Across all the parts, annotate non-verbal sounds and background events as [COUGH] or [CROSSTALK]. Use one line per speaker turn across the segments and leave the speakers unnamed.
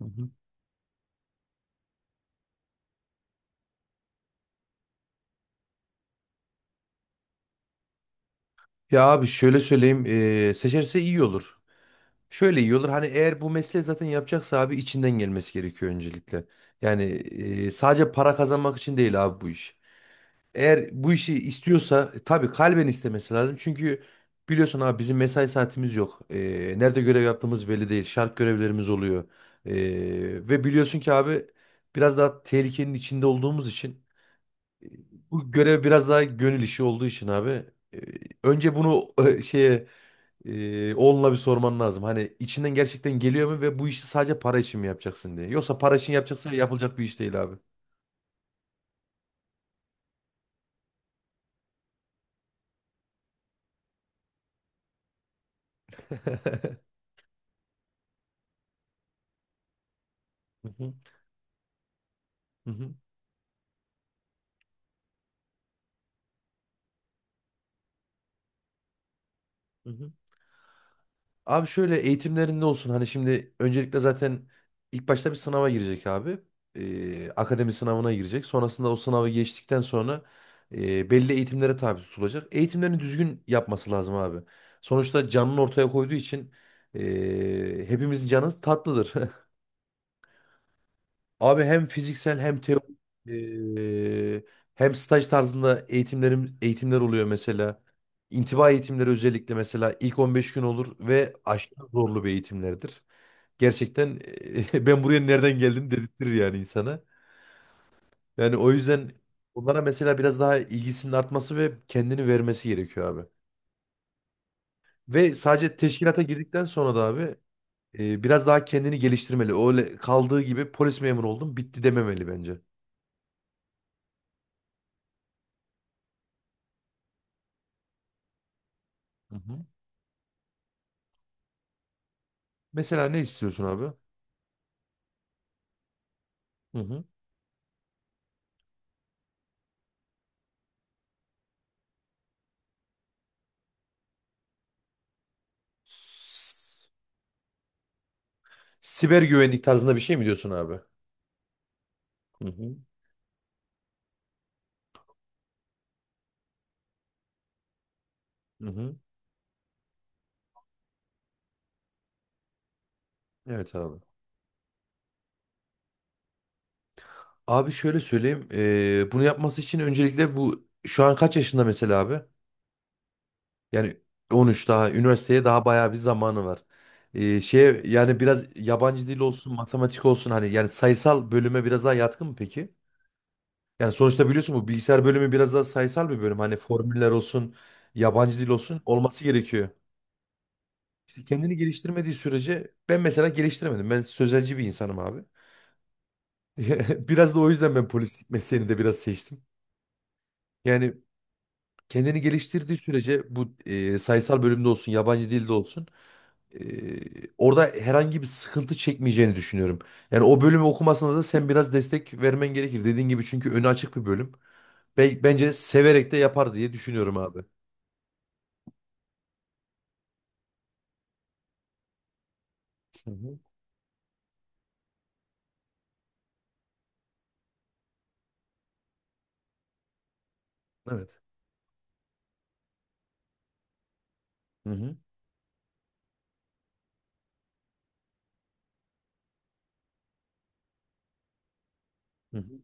Hı hı. Ya abi şöyle söyleyeyim seçerse iyi olur. Şöyle iyi olur, hani eğer bu mesleği zaten yapacaksa abi içinden gelmesi gerekiyor öncelikle. Yani sadece para kazanmak için değil abi bu iş. Eğer bu işi istiyorsa tabii kalben istemesi lazım. Çünkü biliyorsun abi bizim mesai saatimiz yok. Nerede görev yaptığımız belli değil. Şart görevlerimiz oluyor. Ve biliyorsun ki abi biraz daha tehlikenin içinde olduğumuz için bu görev biraz daha gönül işi olduğu için abi. e, Önce bunu oğluna bir sorman lazım. Hani içinden gerçekten geliyor mu ve bu işi sadece para için mi yapacaksın diye. Yoksa para için yapacaksa yapılacak bir iş değil abi. [LAUGHS] Hı hı, hı hı, hı hı. Abi şöyle, eğitimlerinde olsun, hani şimdi öncelikle zaten ilk başta bir sınava girecek abi. Akademi sınavına girecek. Sonrasında o sınavı geçtikten sonra belli eğitimlere tabi tutulacak. Eğitimlerini düzgün yapması lazım abi. Sonuçta canını ortaya koyduğu için hepimizin canı tatlıdır. [LAUGHS] Abi hem fiziksel, hem teorik, e, hem staj tarzında eğitimler oluyor mesela. İntiba eğitimleri, özellikle mesela, ilk 15 gün olur ve aşırı zorlu bir eğitimlerdir gerçekten. [LAUGHS] Ben buraya nereden geldim dedirtir yani insana. Yani o yüzden onlara mesela biraz daha ilgisinin artması ve kendini vermesi gerekiyor abi. Ve sadece teşkilata girdikten sonra da abi biraz daha kendini geliştirmeli. Öyle kaldığı gibi polis memuru oldum bitti dememeli bence. Hı hı. Mesela ne istiyorsun abi? Hı hı. S- Siber güvenlik tarzında bir şey mi diyorsun abi? Hı hı. Hı hı. Evet abi. Abi şöyle söyleyeyim. Bunu yapması için öncelikle bu şu an kaç yaşında mesela abi? Yani 13, daha üniversiteye daha bayağı bir zamanı var. Şeye Yani biraz yabancı dil olsun, matematik olsun, hani yani sayısal bölüme biraz daha yatkın mı peki? Yani sonuçta biliyorsun bu bilgisayar bölümü biraz daha sayısal bir bölüm. Hani formüller olsun, yabancı dil olsun olması gerekiyor. İşte kendini geliştirmediği sürece, ben mesela geliştiremedim. Ben sözelci bir insanım abi. [LAUGHS] Biraz da o yüzden ben polislik mesleğini de biraz seçtim. Yani kendini geliştirdiği sürece bu sayısal bölümde olsun, yabancı dilde olsun, e, orada herhangi bir sıkıntı çekmeyeceğini düşünüyorum. Yani o bölümü okumasına da sen biraz destek vermen gerekir. Dediğin gibi, çünkü önü açık bir bölüm. Bence severek de yapar diye düşünüyorum abi. Hı hı. Evet. Hı hı. Hı hı.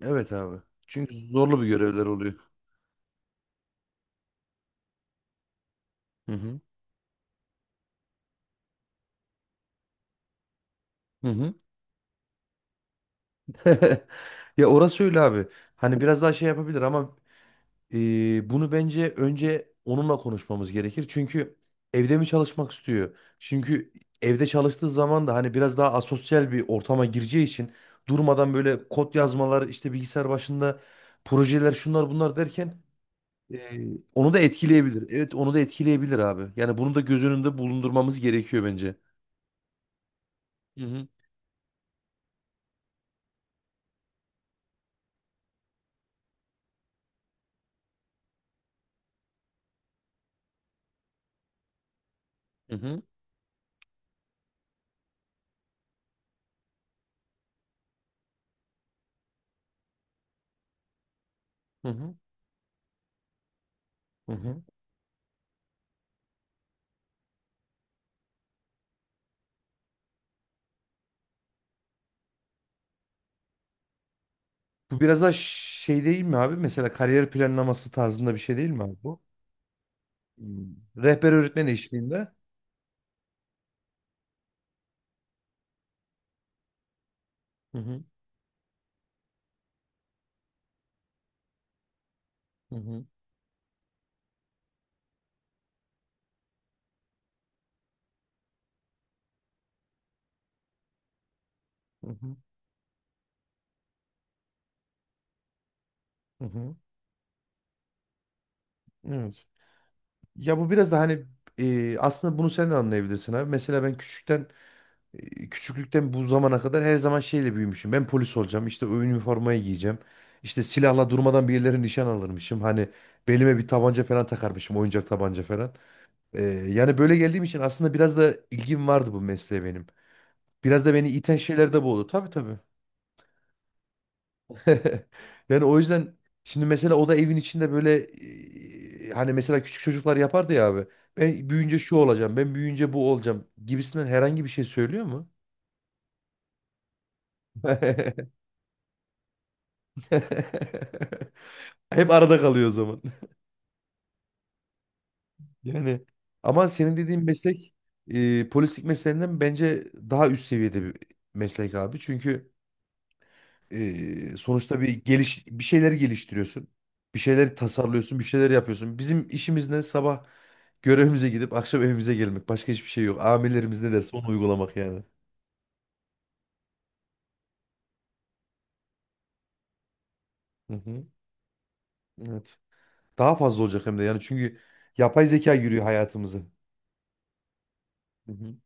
Evet abi. Çünkü zorlu bir görevler oluyor. Hı hı. Hı hı. [LAUGHS] Ya orası öyle abi. Hani biraz daha şey yapabilir ama bunu bence önce onunla konuşmamız gerekir. Çünkü evde mi çalışmak istiyor? Çünkü evde çalıştığı zaman da hani biraz daha asosyal bir ortama gireceği için, durmadan böyle kod yazmalar, işte bilgisayar başında projeler, şunlar bunlar derken e, onu da etkileyebilir. Evet, onu da etkileyebilir abi. Yani bunu da göz önünde bulundurmamız gerekiyor bence. Hı hı. Hı hı. Hı hı. Hı hı. Bu biraz da şey değil mi abi? Mesela kariyer planlaması tarzında bir şey değil mi abi bu? Hmm. Rehber öğretmen eşliğinde. Hı hı, hı hı, hı hı, hı hı. Evet. Ya bu biraz da hani aslında bunu sen de anlayabilirsin abi. Mesela ben küçükten küçüklükten bu zamana kadar her zaman şeyle büyümüşüm. Ben polis olacağım. İşte o üniformayı giyeceğim. İşte silahla durmadan birileri nişan alırmışım. Hani belime bir tabanca falan takarmışım. Oyuncak tabanca falan. Yani böyle geldiğim için aslında biraz da ilgim vardı bu mesleğe benim. Biraz da beni iten şeyler de bu oldu. Tabii tabii. [LAUGHS] Yani o yüzden şimdi mesela o da evin içinde böyle, hani mesela küçük çocuklar yapardı ya abi. Ben büyüyünce şu olacağım, ben büyüyünce bu olacağım gibisinden herhangi bir şey söylüyor mu? [LAUGHS] Hep arada kalıyor o zaman. [LAUGHS] Yani ama senin dediğin meslek polislik mesleğinden bence daha üst seviyede bir meslek abi. Çünkü sonuçta bir şeyleri geliştiriyorsun. Bir şeyleri tasarlıyorsun, bir şeyler yapıyorsun. Bizim işimiz ne? Sabah görevimize gidip akşam evimize gelmek. Başka hiçbir şey yok. Amirlerimiz ne derse onu uygulamak yani. Hı hı. Evet. Daha fazla olacak hem de yani çünkü yapay zeka yürüyor hayatımızı. Hı hı.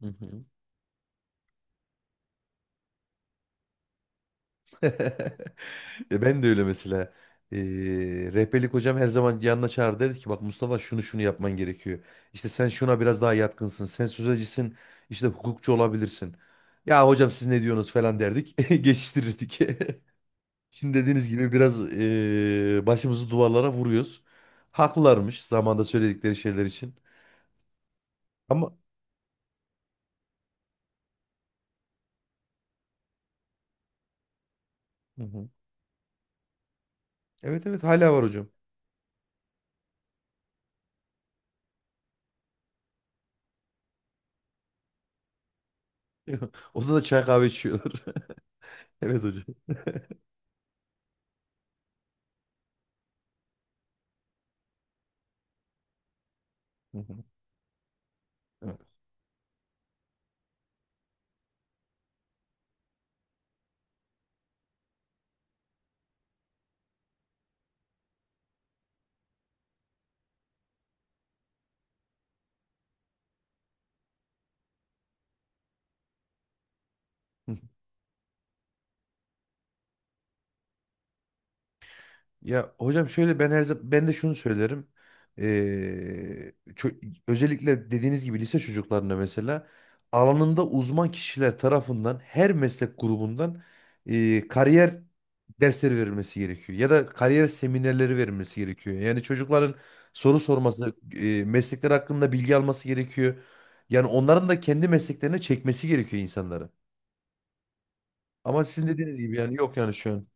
Hı hı. [LAUGHS] Ya ben de öyle mesela. Ee, Rehberlik hocam her zaman yanına çağırdı, dedi ki bak Mustafa şunu şunu yapman gerekiyor. İşte sen şuna biraz daha yatkınsın. Sen sözcüsün, işte hukukçu olabilirsin. Ya hocam siz ne diyorsunuz falan derdik. [LAUGHS] Geçiştirirdik. [LAUGHS] Şimdi dediğiniz gibi biraz başımızı duvarlara vuruyoruz. Haklılarmış zamanda söyledikleri şeyler için. Ama hı hı, evet evet hala var hocam. [LAUGHS] Odada çay kahve içiyorlar. [LAUGHS] Evet hocam. Hı hı. Evet. Ya hocam şöyle, ben her zaman ben de şunu söylerim. Özellikle dediğiniz gibi lise çocuklarına mesela alanında uzman kişiler tarafından her meslek grubundan kariyer dersleri verilmesi gerekiyor ya da kariyer seminerleri verilmesi gerekiyor. Yani çocukların soru sorması, meslekler hakkında bilgi alması gerekiyor. Yani onların da kendi mesleklerine çekmesi gerekiyor insanları. Ama sizin dediğiniz gibi yani yok yani şu an.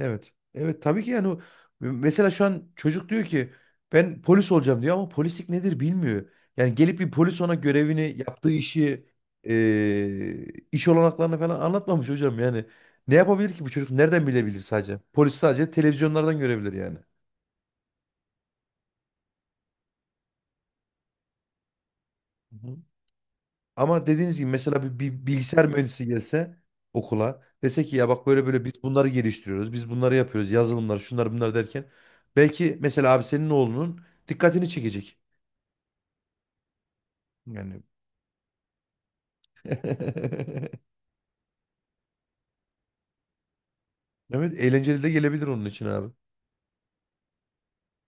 Evet. Evet tabii ki yani, mesela şu an çocuk diyor ki ben polis olacağım diyor, ama polislik nedir bilmiyor. Yani gelip bir polis ona görevini, yaptığı işi, eee, iş olanaklarını falan anlatmamış hocam yani. Ne yapabilir ki bu çocuk? Nereden bilebilir sadece? Polis sadece televizyonlardan görebilir yani. Hı hı. Ama dediğiniz gibi mesela bir bilgisayar mühendisi gelse okula dese ki ya bak böyle böyle biz bunları geliştiriyoruz, biz bunları yapıyoruz, yazılımlar, şunlar bunlar derken belki mesela abi senin oğlunun dikkatini çekecek. Yani. [LAUGHS] Evet eğlenceli de gelebilir onun için abi.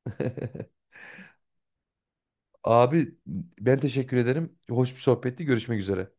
[LAUGHS] Abi ben teşekkür ederim. Hoş bir sohbetti. Görüşmek üzere.